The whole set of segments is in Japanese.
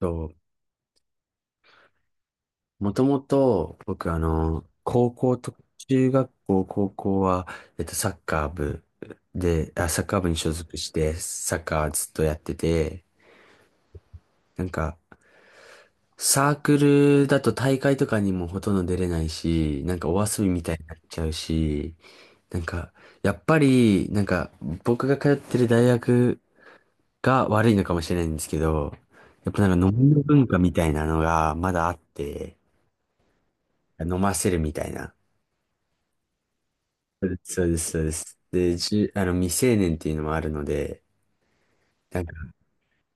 と、もともと、僕、高校と、中学校、高校は、えっと、サッカー部サッカー部に所属して、サッカーずっとやってて、なんか、サークルだと大会とかにもほとんど出れないし、なんかお遊びみたいになっちゃうし、なんか、やっぱり、僕が通ってる大学が悪いのかもしれないんですけど、やっぱなんか飲みの文化みたいなのがまだあって、飲ませるみたいな。そうです、そうです。そうですで、じゅ、あの、未成年っていうのもあるので、なんか、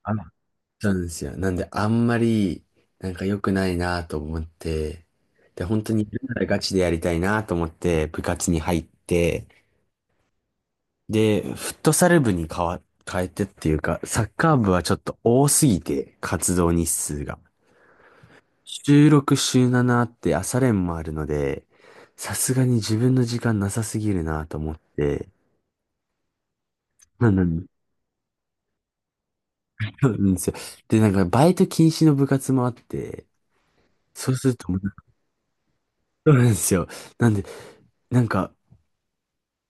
あら、そうなんですよ。なんで、あんまり、なんか良くないなと思って、で、本当にやるならガチでやりたいなと思って、部活に入って、で、フットサル部に変わ、変えてっていうか、サッカー部はちょっと多すぎて、活動日数が。週6、週7あって朝練もあるので、さすがに自分の時間なさすぎるなと思って、うんうん、そうなんですよ。で、なんか、バイト禁止の部活もあって、そうするともう、そうなんですよ。なんで、なんか、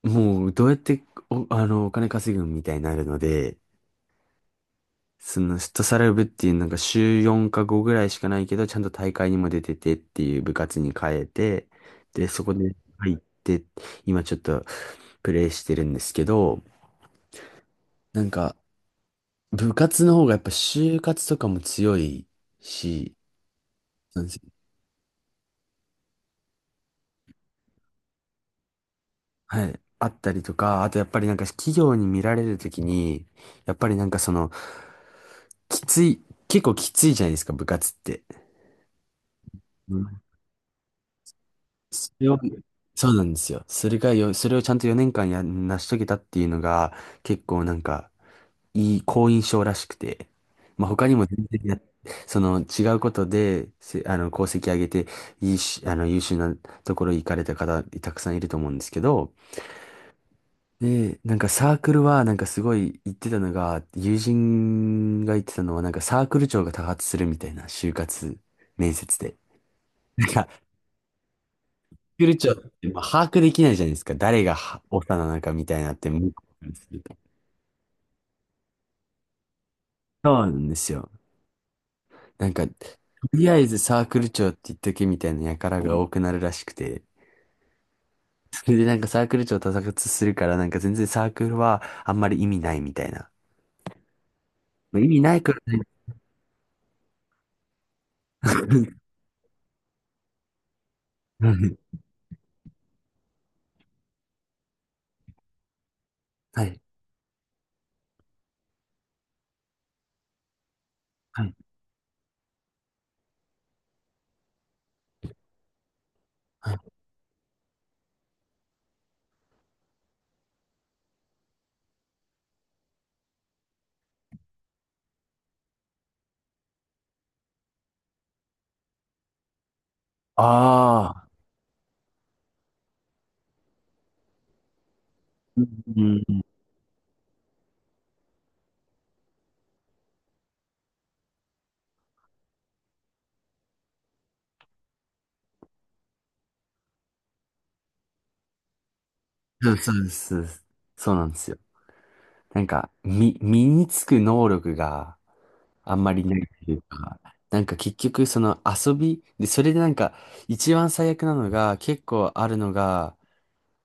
もう、どうやって、お、あの、お金稼ぐみたいになるので、その、フットサル部っていう、なんか、週4か5ぐらいしかないけど、ちゃんと大会にも出ててっていう部活に変えて、で、そこで入って、今ちょっと、プレイしてるんですけど、なんか、部活の方がやっぱ就活とかも強いし、はい。あったりとか、あとやっぱりなんか企業に見られるときに、やっぱりなんかその、きつい、結構きついじゃないですか、部活って。うん、それを、そうなんですよ。それをちゃんと4年間成し遂げたっていうのが、結構なんか、好印象らしくて。まあ他にも全然や、その違うことで、せ、あの、功績上げて、いいし、あの、優秀なところに行かれた方、たくさんいると思うんですけど、で、なんかサークルは、なんかすごい言ってたのが、友人が言ってたのは、なんかサークル長が多発するみたいな、就活面接で。サークル長って、まあ、把握できないじゃないですか。誰がはオファーなのかみたいなって、向こうからするとそうなんですよ。なんか、とりあえずサークル長って言っとけみたいな輩が多くなるらしくて、それでなんかサークル長多発するから、なんか全然サークルはあんまり意味ないみたいな。まあ意味ないからね、はい。はい。はい。ああ。うん、そうん、そうです、そうです。そうなんですよ。身につく能力があんまりないっていうか、なんか結局その遊び、で、それでなんか、一番最悪なのが、結構あるのが、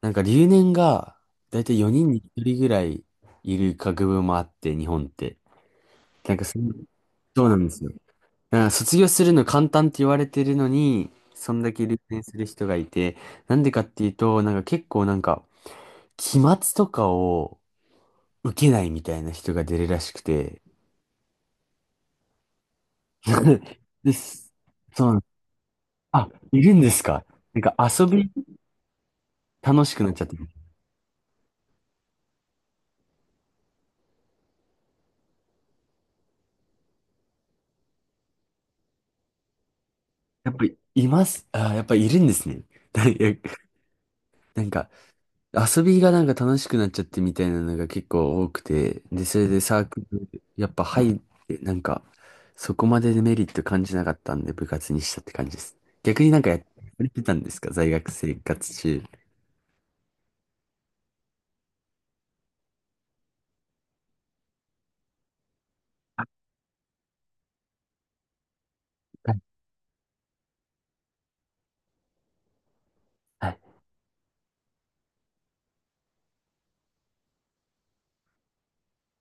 なんか留年が、だいたい4人に1人ぐらいいる学部もあって、日本って。なんかその、そうなんですよ。だから卒業するの簡単って言われてるのに、そんだけ留年する人がいて、なんでかっていうと、なんか結構なんか、期末とかを受けないみたいな人が出るらしくて。です。そう。あ、いるんですか。なんか遊び楽しくなっちゃって。やっぱりいます。あー、やっぱりいるんですね。だいやなんか遊びがなんか楽しくなっちゃってみたいなのが結構多くて。で、それでサークル、やっぱ入って、なんかそこまでメリット感じなかったんで部活にしたって感じです。逆になんかやってたんですか在学生活中。はい。はい。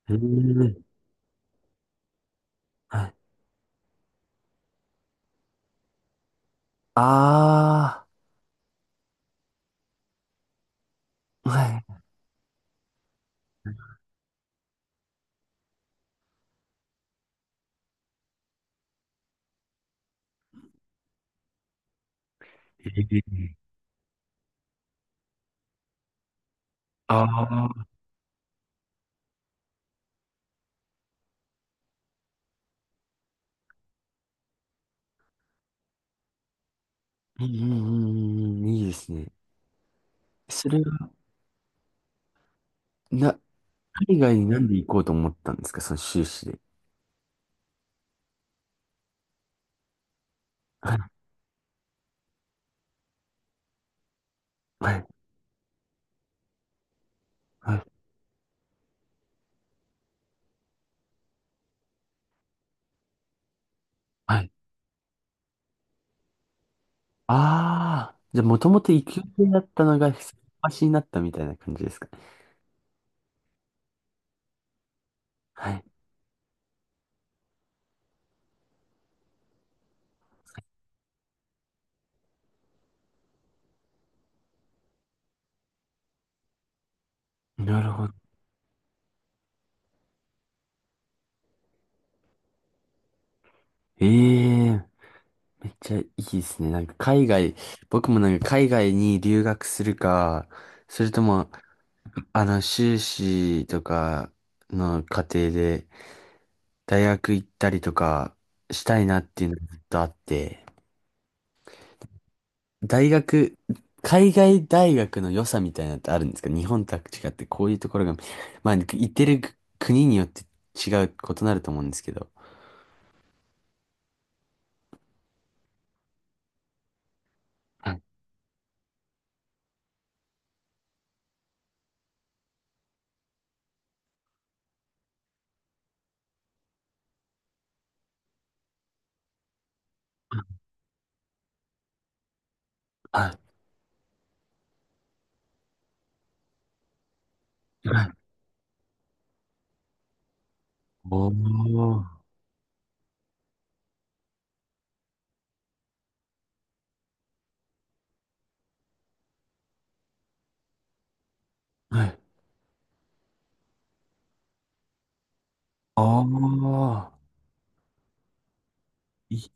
うーん、はい、ああ、はい。ああ、うんうんうんうん、いいですね。それは、な、海外になんで行こうと思ったんですか、その修士で。はい、はい、はい。はい。ああ、じゃあ、もともと行く予定だったのが、先走りになったみたいな感じですか。はい。なるほど。ええ、めっちゃいいですね。なんか、海外、僕もなんか、海外に留学するか、それとも、あの、修士とかの過程で、大学行ったりとかしたいなっていうのがずっとあって、大学、海外大学の良さみたいなのってあるんですか日本とは違ってこういうところが、まあ、行ってる国によって違う、異なると思うんですけど。はい。はい。はい、おー。はい。ああ。い、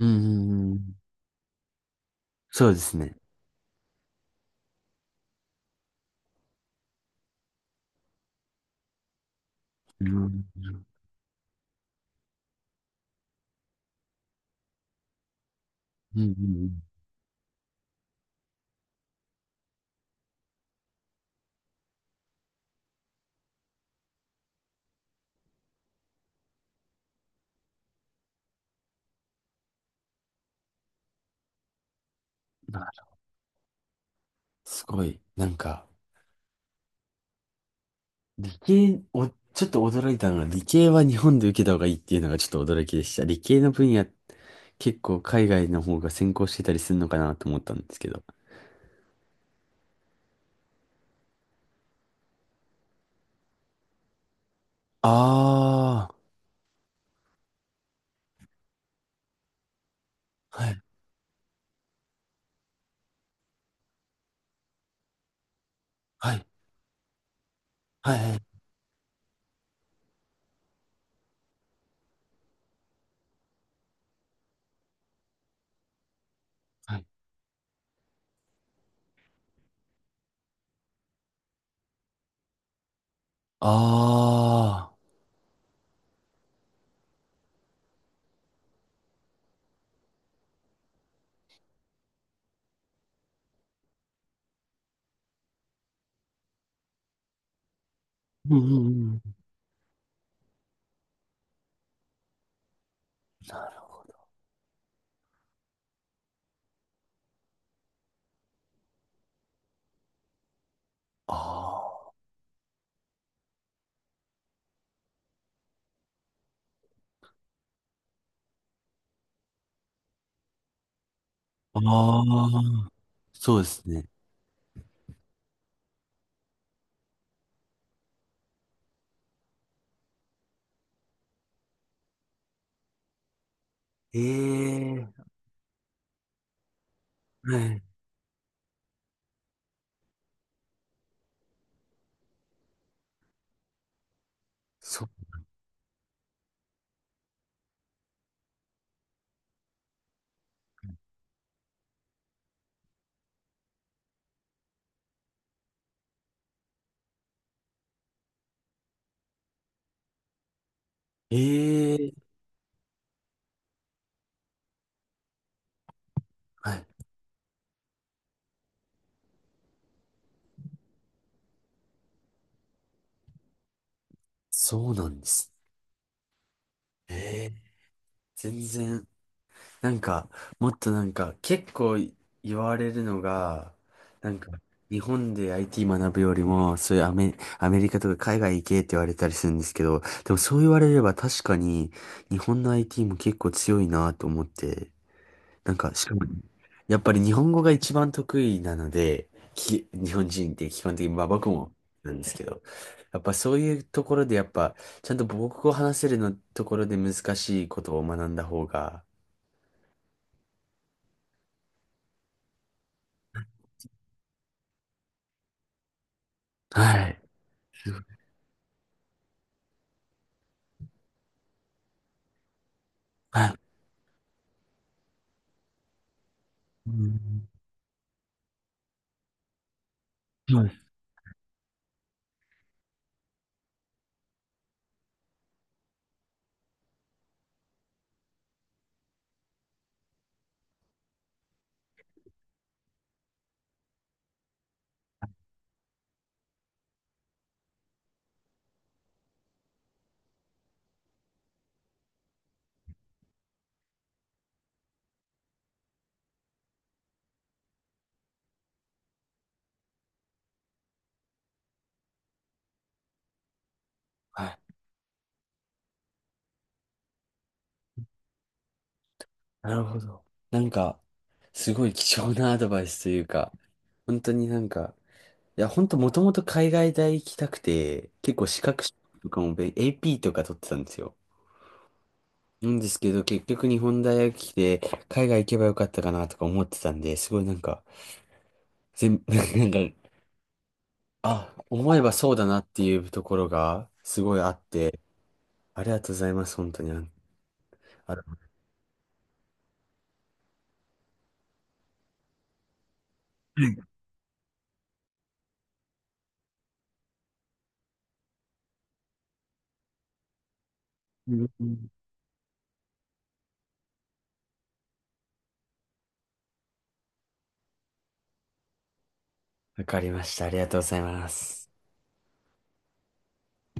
うんうんうん。そうですね。うん。うんうんうん。なるすごい。なんか、理系、お、ちょっと驚いたのが、理系は日本で受けた方がいいっていうのがちょっと驚きでした。理系の分野、結構海外の方が先行してたりするのかなと思ったんですけど。ああ、はい、はい、はい、はい。はい。ああ、うんうんうん。ああ、ああ、そうですね。ええ、はい。そ、ええ、はい。そうなんです。ええ、全然。なんか、もっとなんか、結構言われるのが、なんか、日本で IT 学ぶよりも、そういうアメ、アメリカとか海外行けって言われたりするんですけど、でもそう言われれば確かに、日本の IT も結構強いなと思って、なんか、しかも、やっぱり日本語が一番得意なので、日本人って基本的に、まあ僕もなんですけど、やっぱそういうところでやっぱ、ちゃんと母国語を話せるのところで難しいことを学んだ方が、はい。はい。うん、はい。はい、なるほど。なんか、すごい貴重なアドバイスというか、本当になんか、いや、本当もともと海外大行きたくて、結構資格とかもべん AP とか取ってたんですよ。なんですけど、結局日本大学来て、海外行けばよかったかなとか思ってたんで、すごいなんか、なんか、あ、思えばそうだなっていうところが、すごいあって、ありがとうございます、本当に。あ、あのはい、うん、わかりました。ありがとうございます。